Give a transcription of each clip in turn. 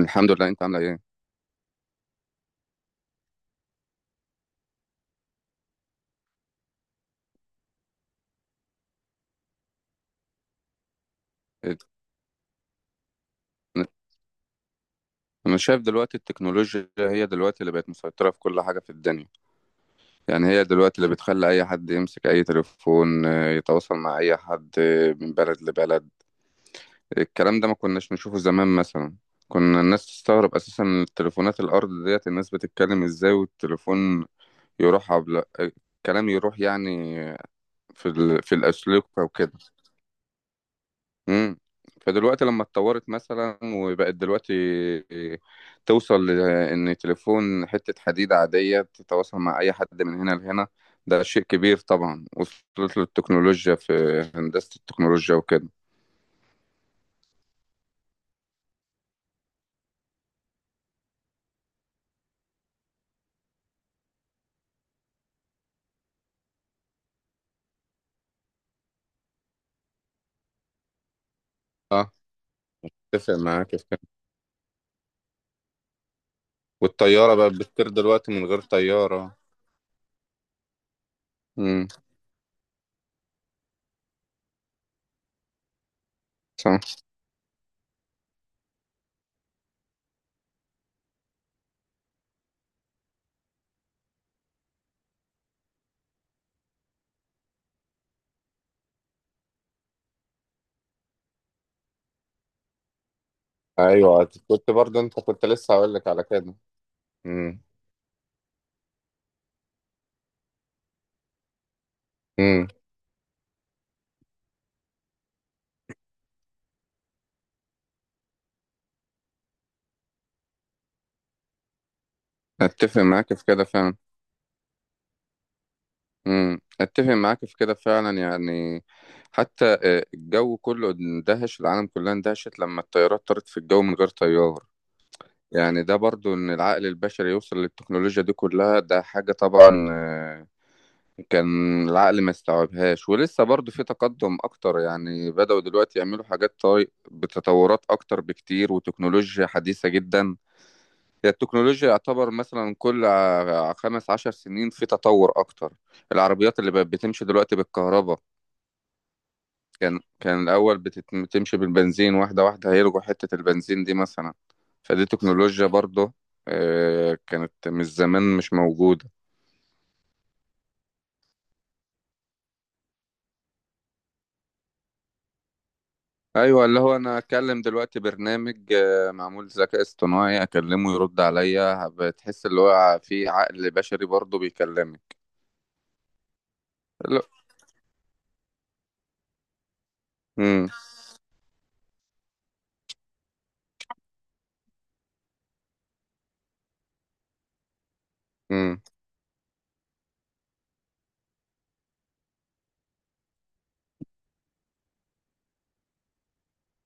الحمد لله، انت عامله ايه؟ ايه ده؟ انا شايف دلوقتي التكنولوجيا هي دلوقتي اللي بقت مسيطره في كل حاجه في الدنيا. يعني هي دلوقتي اللي بتخلي اي حد يمسك اي تليفون يتواصل مع اي حد من بلد لبلد. الكلام ده ما كناش نشوفه زمان مثلا. كنا الناس تستغرب اساسا من التليفونات الارض ديت، الناس بتتكلم ازاي والتليفون يروح عبل... آه، الكلام يروح، يعني في الاسلوب او كده. امم. فدلوقتي لما اتطورت مثلا وبقت دلوقتي توصل لان تليفون حتة حديد عادية تتواصل مع اي حد من هنا لهنا. ده شيء كبير، طبعا وصلت للتكنولوجيا في هندسة التكنولوجيا وكده. اه، اتفق معاك في كده. والطيارة بقت بتطير دلوقتي من غير طيارة. امم. صح. ايوه، كنت برضه انت كنت لسه هقول لك على كده. امم. امم، اتفق معاك في كده فعلا. امم، اتفق معاك في كده فعلا، يعني حتى الجو كله اندهش، العالم كلها اندهشت لما الطيارات طارت في الجو من غير طيار. يعني ده برضو ان العقل البشري يوصل للتكنولوجيا دي كلها ده حاجة، طبعا كان العقل ما استوعبهاش، ولسه برضو في تقدم اكتر. يعني بدأوا دلوقتي يعملوا حاجات بتطورات اكتر بكتير وتكنولوجيا حديثة جدا. هي التكنولوجيا يعتبر مثلا كل 15 سنين في تطور أكتر. العربيات اللي بقت بتمشي دلوقتي بالكهرباء، كان الأول بتمشي بالبنزين، واحدة واحدة هيلغوا حتة البنزين دي مثلا. فدي تكنولوجيا برضه كانت من زمان مش موجودة. أيوة، اللي هو أنا أكلم دلوقتي برنامج معمول ذكاء اصطناعي، أكلمه يرد عليا، بتحس اللي هو في عقل بشري برضه بيكلمك. لا. مم. مم.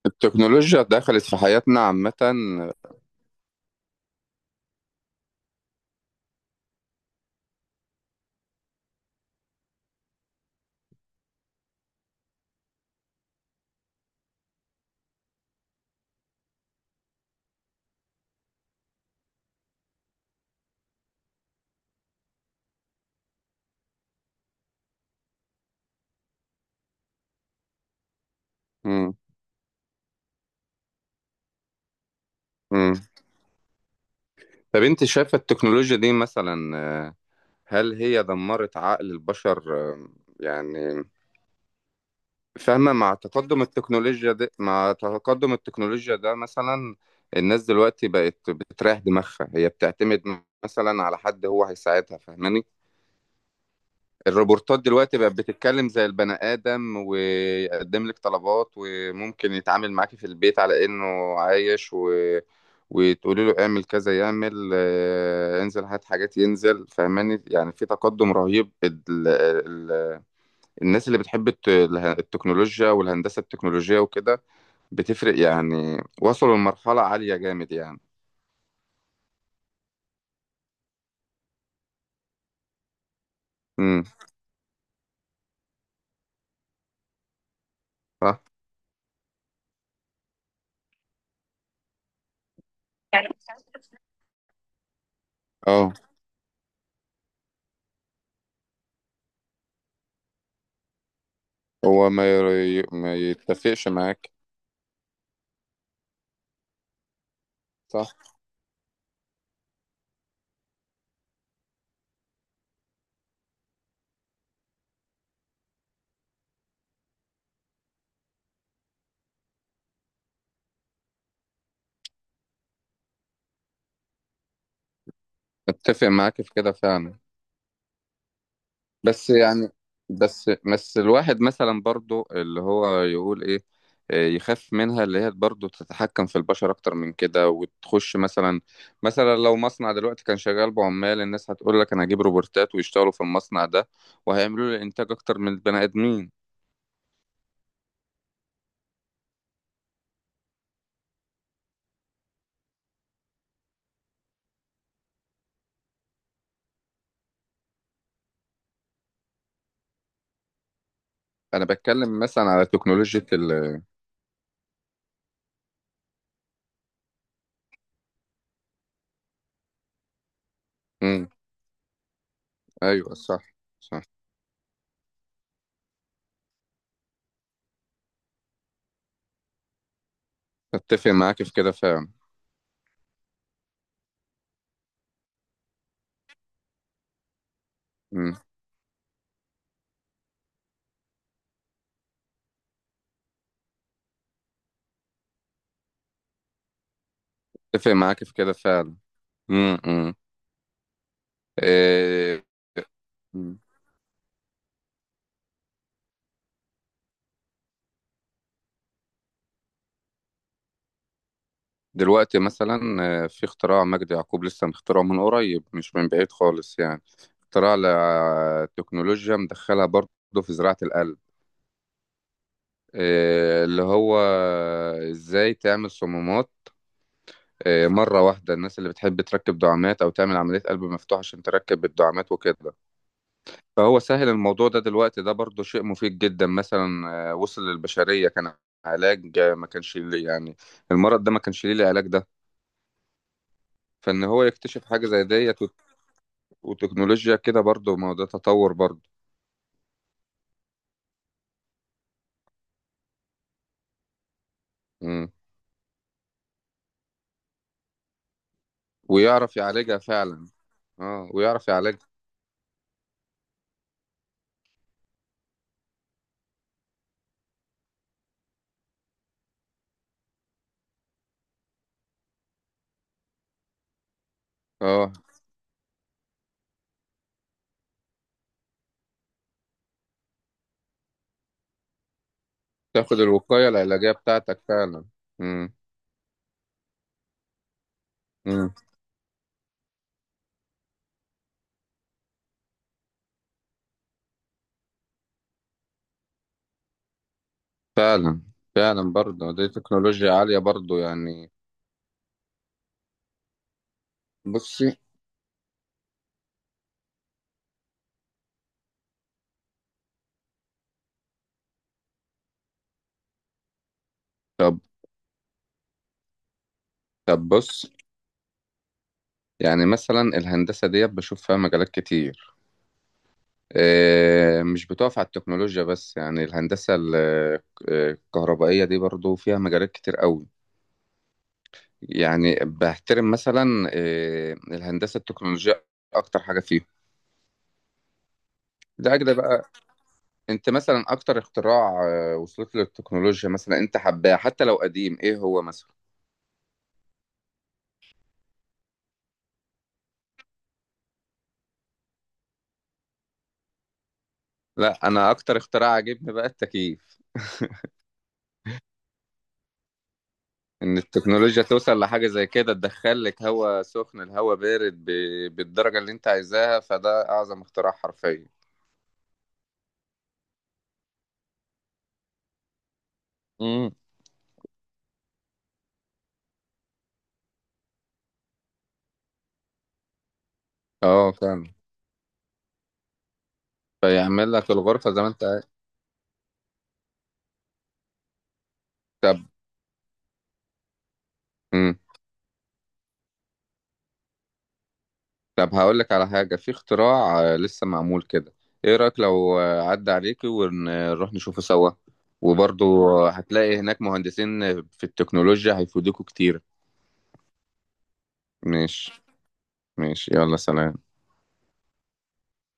التكنولوجيا دخلت في حياتنا عامة. مم. مم. طب انت شايفة التكنولوجيا دي مثلا هل هي دمرت عقل البشر؟ يعني، فاهمة؟ مع تقدم التكنولوجيا ده مثلا الناس دلوقتي بقت بتريح دماغها، هي بتعتمد مثلا على حد هو هيساعدها، فاهماني؟ الروبورتات دلوقتي بقت بتتكلم زي البني آدم، ويقدم لك طلبات وممكن يتعامل معاكي في البيت على إنه عايش وتقولي له اعمل كذا يعمل انزل هات حاجات ينزل، فهماني؟ يعني في تقدم رهيب. الناس اللي بتحب التكنولوجيا والهندسة التكنولوجية وكده بتفرق، يعني وصلوا لمرحلة عالية جامد يعني. امم. صح. يعني اه، هو ما يتفقش معاك. صح، اتفق معاك في كده فعلا. بس يعني بس الواحد مثلا برضو اللي هو يقول ايه، يخاف منها، اللي هي برضو تتحكم في البشر اكتر من كده وتخش مثلا لو مصنع دلوقتي كان شغال بعمال، الناس هتقول لك انا هجيب روبوتات ويشتغلوا في المصنع ده وهيعملوا لي انتاج اكتر من البني ادمين. انا بتكلم مثلا على تكنولوجيا مم. ايوه، صح. صح، اتفق معاك في كده فعلا. مم. اتفق معاك في كده فعلا. امم. دلوقتي مثلا في اختراع مجدي يعقوب لسه مخترعه من قريب، مش من بعيد خالص يعني. اختراع لتكنولوجيا مدخلها برضه في زراعة القلب، اللي هو ازاي تعمل صمامات مرة واحدة. الناس اللي بتحب تركب دعامات أو تعمل عملية قلب مفتوح عشان تركب الدعامات وكده، فهو سهل الموضوع ده دلوقتي. ده برضه شيء مفيد جدا، مثلا وصل للبشرية، كان علاج ما كانش ليه يعني. المرض ده ما كانش ليه العلاج ده، فإن هو يكتشف حاجة زي ديت وتكنولوجيا كده برضو، ما هو ده تطور برضو. مم. ويعرف يعالجها فعلا. اه، ويعرف يعالجها. اه، تاخد الوقاية العلاجية بتاعتك فعلا. مم. مم. فعلا. فعلا برضو دي تكنولوجيا عالية برضو يعني. بصي. طب طب بص. يعني مثلا الهندسة ديت بشوف فيها مجالات كتير، مش بتقف على التكنولوجيا بس. يعني الهندسة الكهربائية دي برضو فيها مجالات كتير قوي. يعني بحترم مثلا الهندسه التكنولوجيه اكتر حاجه فيهم. لاجل بقى، انت مثلا اكتر اختراع وصلت له التكنولوجيا، مثلا انت حباه حتى لو قديم، ايه هو مثلا؟ لا، انا اكتر اختراع عجبني بقى التكييف. ان التكنولوجيا توصل لحاجه زي كده، تدخل لك هواء سخن، الهواء بارد بالدرجه اللي انت عايزاها، فده اعظم اختراع حرفيا. امم. اه، فاهم. فيعمل لك الغرفه زي ما انت عايز. طب. مم. طب هقول لك على حاجة، في اختراع لسه معمول كده، ايه رأيك لو عدى عليكي ونروح نشوفه سوا؟ وبرضه هتلاقي هناك مهندسين في التكنولوجيا هيفيدوكوا كتير. ماشي. ماشي، يلا سلام.